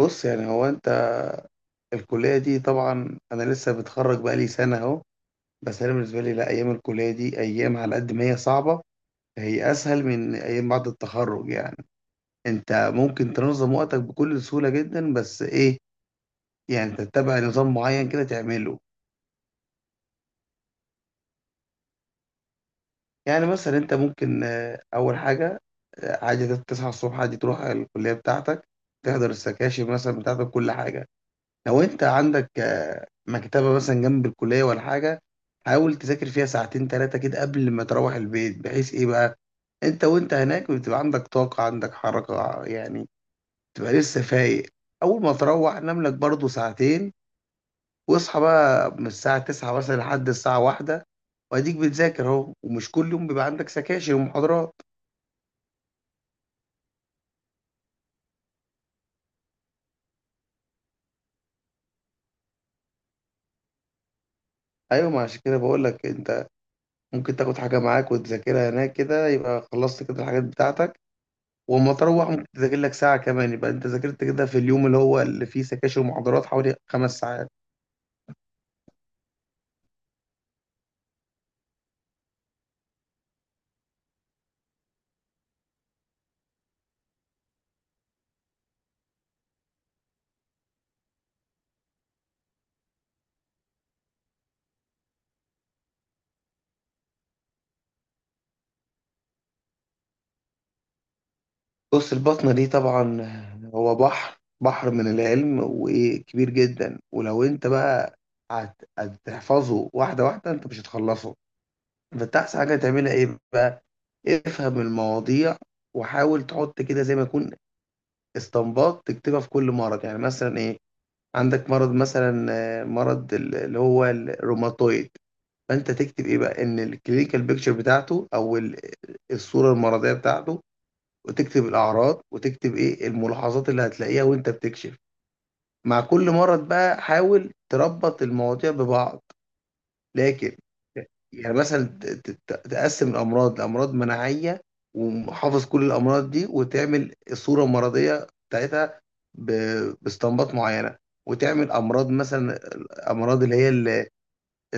بص يعني هو انت. الكلية دي طبعا انا لسه متخرج بقالي سنة اهو. بس انا بالنسبة لي لا، ايام الكلية دي، ايام على قد ما هي صعبة هي اسهل من ايام بعد التخرج يعني. انت ممكن تنظم وقتك بكل سهولة جدا، بس ايه؟ يعني انت تتبع نظام معين كده تعمله. يعني مثلا انت ممكن اول حاجة عادي تصحى الصبح، عادي تروح الكلية بتاعتك، تحضر السكاشن مثلا بتاعتك، كل حاجة. لو انت عندك مكتبة مثلا جنب الكلية ولا حاجة، حاول تذاكر فيها ساعتين تلاتة كده قبل ما تروح البيت، بحيث ايه بقى، انت وانت هناك بتبقى عندك طاقة، عندك حركة يعني، تبقى لسه فايق. اول ما تروح نام لك برضو ساعتين، واصحى بقى من الساعة تسعة مثلا لحد الساعة واحدة، واديك بتذاكر اهو. ومش كل يوم بيبقى عندك سكاشن ومحاضرات. ايوه، ما عشان كده بقول لك انت ممكن تاخد حاجة معاك وتذاكرها هناك كده، يبقى خلصت كده الحاجات بتاعتك. واما تروح ممكن تذاكر لك ساعة كمان، يبقى انت ذاكرت كده في اليوم اللي هو اللي فيه سكاشن ومحاضرات حوالي خمس ساعات. بص، البطنة دي طبعا هو بحر، بحر من العلم وكبير جدا. ولو انت بقى هتحفظه واحدة واحدة، انت مش هتخلصه. فانت احسن حاجة تعملها ايه بقى، افهم المواضيع وحاول تحط كده زي ما يكون استنباط تكتبها في كل مرض. يعني مثلا ايه، عندك مرض مثلا مرض اللي هو الروماتويد، فانت تكتب ايه بقى؟ ان الكلينيكال بيكتشر بتاعته، او الصوره المرضيه بتاعته. وتكتب الاعراض، وتكتب ايه الملاحظات اللي هتلاقيها وانت بتكشف مع كل مرض بقى. حاول تربط المواضيع ببعض، لكن يعني مثلا تقسم الامراض لامراض مناعيه، وحافظ كل الامراض دي، وتعمل الصوره المرضيه بتاعتها باستنباط معينه. وتعمل امراض مثلا، امراض اللي هي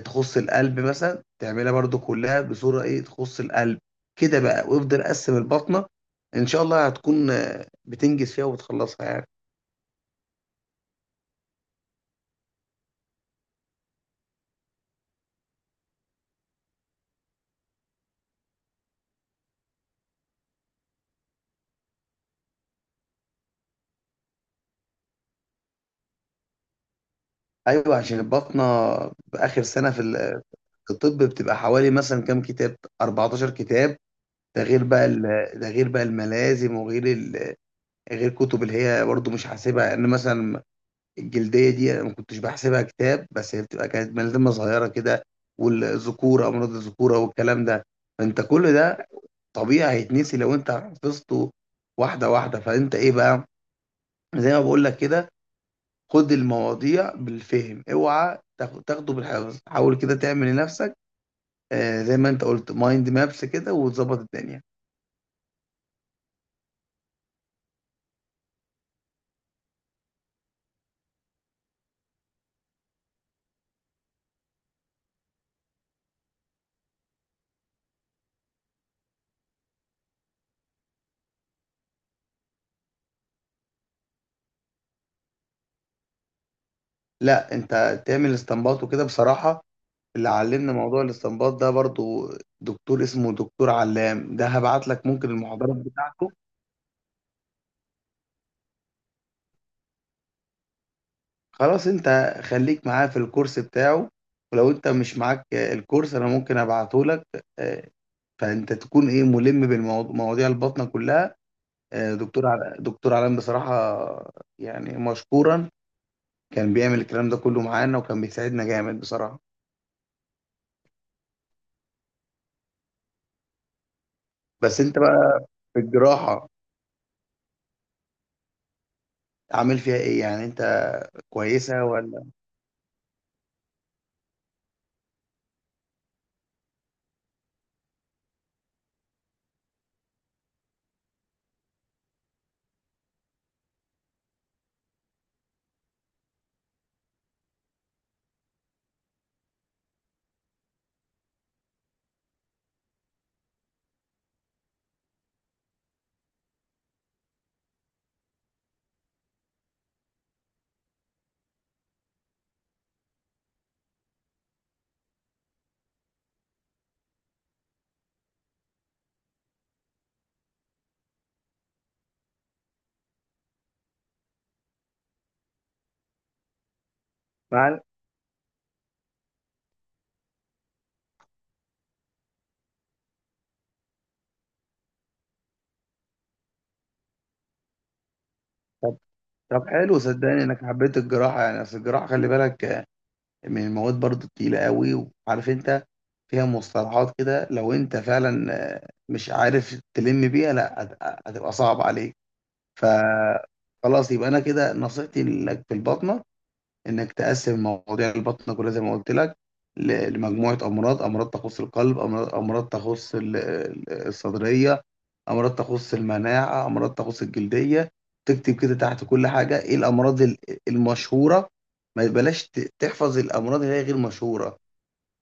تخص القلب مثلا، تعملها برضو كلها بصورة ايه تخص القلب. كده بقى، وافضل قسم البطنة ان شاء الله هتكون بتنجز فيها وبتخلصها يعني. ايوه، عشان البطنة باخر سنة في في الطب بتبقى حوالي مثلا كام كتاب، 14 كتاب. ده غير بقى ده غير بقى الملازم، وغير غير كتب اللي هي برضو مش حاسبها، ان مثلا الجلدية دي انا ما كنتش بحسبها كتاب، بس هي بتبقى كانت ملازمة صغيرة كده، والذكورة، امراض الذكورة والكلام ده. فانت كل ده طبيعي هيتنسي لو انت حفظته واحده واحده. فانت ايه بقى، زي ما بقول لك كده، خد المواضيع بالفهم، اوعى تاخده بالحفظ. حاول كده تعمل لنفسك زي ما انت قلت مايند مابس كده، وتظبط الدنيا. لا انت تعمل استنباط وكده بصراحه. اللي علمنا موضوع الاستنباط ده برضو دكتور اسمه دكتور علام، ده هبعت لك ممكن المحاضرات بتاعته. خلاص انت خليك معاه في الكورس بتاعه. ولو انت مش معاك الكورس انا ممكن ابعته لك. آه، فانت تكون ايه، ملم بالمواضيع الباطنه كلها. دكتور دكتور علام بصراحه يعني مشكورا، كان بيعمل الكلام ده كله معانا، وكان بيساعدنا جامد بصراحه. بس انت بقى في الجراحه عامل فيها ايه يعني انت، كويسه ولا؟ مع طب، طب حلو صدقني انك حبيت الجراحه. يعني اصل الجراحه خلي بالك من المواد برضو التقيله قوي. وعارف انت فيها مصطلحات كده، لو انت فعلا مش عارف تلم بيها، لا هتبقى صعب عليك. ف خلاص، يبقى انا كده نصيحتي لك في البطنه انك تقسم مواضيع البطنه كلها زي ما قلت لك لمجموعه امراض. امراض تخص القلب، امراض، امراض تخص ال- الصدريه، امراض تخص المناعه، امراض تخص الجلديه. تكتب كده تحت كل حاجه ايه الامراض المشهوره. ما بلاش تحفظ الامراض اللي هي غير مشهوره.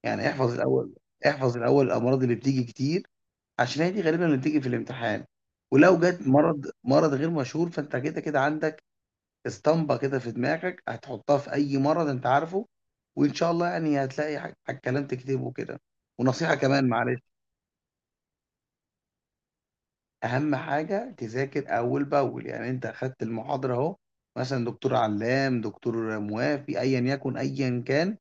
يعني احفظ الاول، احفظ الاول الامراض اللي بتيجي كتير، عشان هي دي غالبا اللي بتيجي في الامتحان. ولو جت مرض، مرض غير مشهور، فانت كده كده عندك اسطمبة كده في دماغك هتحطها في أي مرض أنت عارفه، وإن شاء الله يعني هتلاقي كلام تكتبه كده. ونصيحة كمان معلش، أهم حاجة تذاكر أول بأول. يعني أنت أخدت المحاضرة أهو، مثلا دكتور علام، دكتور موافي، أيا يكن، أيا كان،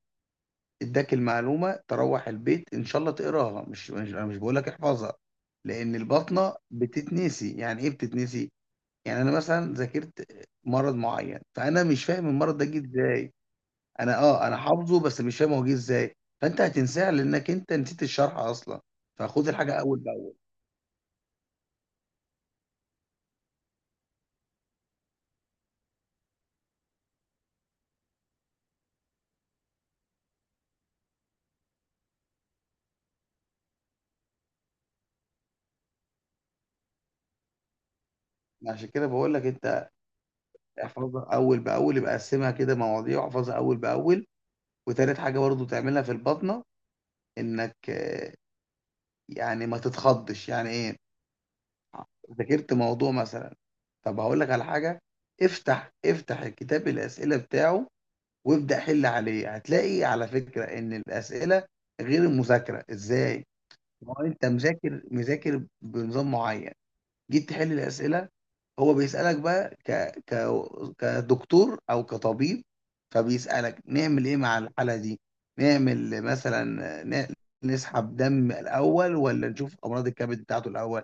اداك المعلومة، تروح البيت إن شاء الله تقراها. مش مش أنا مش بقول لك احفظها، لأن البطنة بتتنسي. يعني إيه بتتنسي؟ يعني أنا مثلا ذاكرت مرض معين، فأنا مش فاهم المرض ده جه إزاي. انا اه، انا حافظه بس مش فاهم هو جه ازاي. فانت هتنساه لانك انت نسيت الشرح اصلا. فخد الحاجه اول باول. عشان كده بقول لك انت احفظها اول باول، يبقى قسمها كده مواضيع واحفظها اول باول. وتالت حاجه برضو تعملها في البطنه، انك يعني ما تتخضش. يعني ايه؟ ذاكرت موضوع مثلا، طب هقول لك على حاجه، افتح الكتاب الاسئله بتاعه، وابدا حل عليه. هتلاقي على فكره ان الاسئله غير المذاكره ازاي. ما هو انت مذاكر، مذاكر بنظام معين، جيت تحل الاسئله، هو بيسالك بقى ك... كدكتور او كطبيب. فبيسالك نعمل ايه مع الحاله دي، نعمل مثلا ن... نسحب دم الاول، ولا نشوف امراض الكبد بتاعته الاول.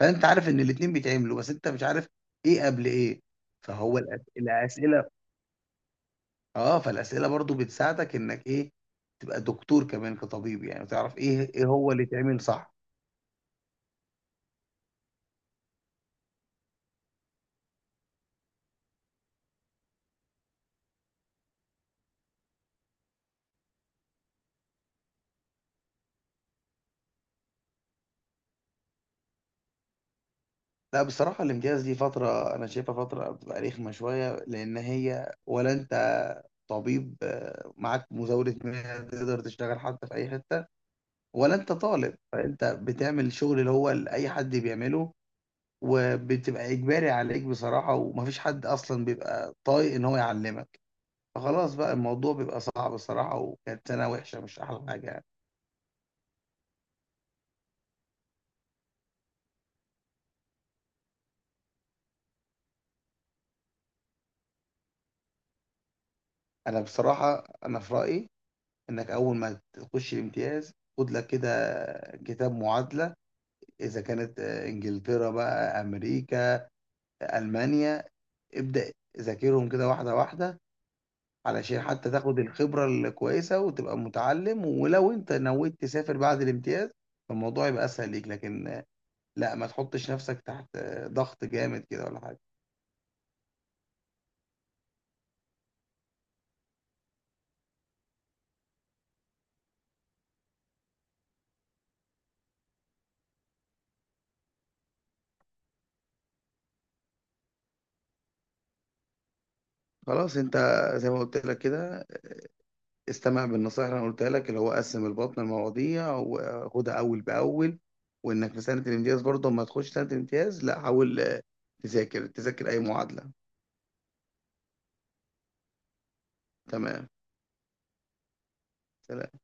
فانت عارف ان الاتنين بيتعملوا، بس انت مش عارف ايه قبل ايه. فهو الاسئله، اه فالاسئله برضو بتساعدك انك ايه، تبقى دكتور كمان، كطبيب يعني، وتعرف ايه، ايه هو اللي يتعمل صح. لا بصراحة الامتياز دي فترة أنا شايفها فترة بتبقى رخمة شوية. لأن هي ولا أنت طبيب معاك مزاولة مهنة تقدر تشتغل حتى في أي حتة، ولا أنت طالب، فأنت بتعمل شغل اللي هو اللي أي حد بيعمله، وبتبقى إجباري عليك بصراحة. ومفيش حد أصلا بيبقى طايق إن هو يعلمك، فخلاص بقى الموضوع بيبقى صعب الصراحة. وكانت سنة وحشة، مش أحلى حاجة يعني. أنا بصراحة أنا في رأيي إنك أول ما تخش الامتياز، خد لك كده كتاب معادلة، اذا كانت انجلترا بقى، امريكا، المانيا، ابدا ذاكرهم كده واحده واحده، علشان حتى تاخد الخبره الكويسه وتبقى متعلم. ولو انت نويت تسافر بعد الامتياز، فالموضوع يبقى اسهل ليك. لكن لا ما تحطش نفسك تحت ضغط جامد كده ولا حاجه. خلاص انت زي ما قلت لك كده استمع بالنصائح اللي انا قلتها لك، اللي هو قسم البطن المواضيع وخدها اول باول. وانك في سنه الامتياز برضه، ما تخش سنه الامتياز، لا حاول تذاكر اي معادله. تمام، سلام.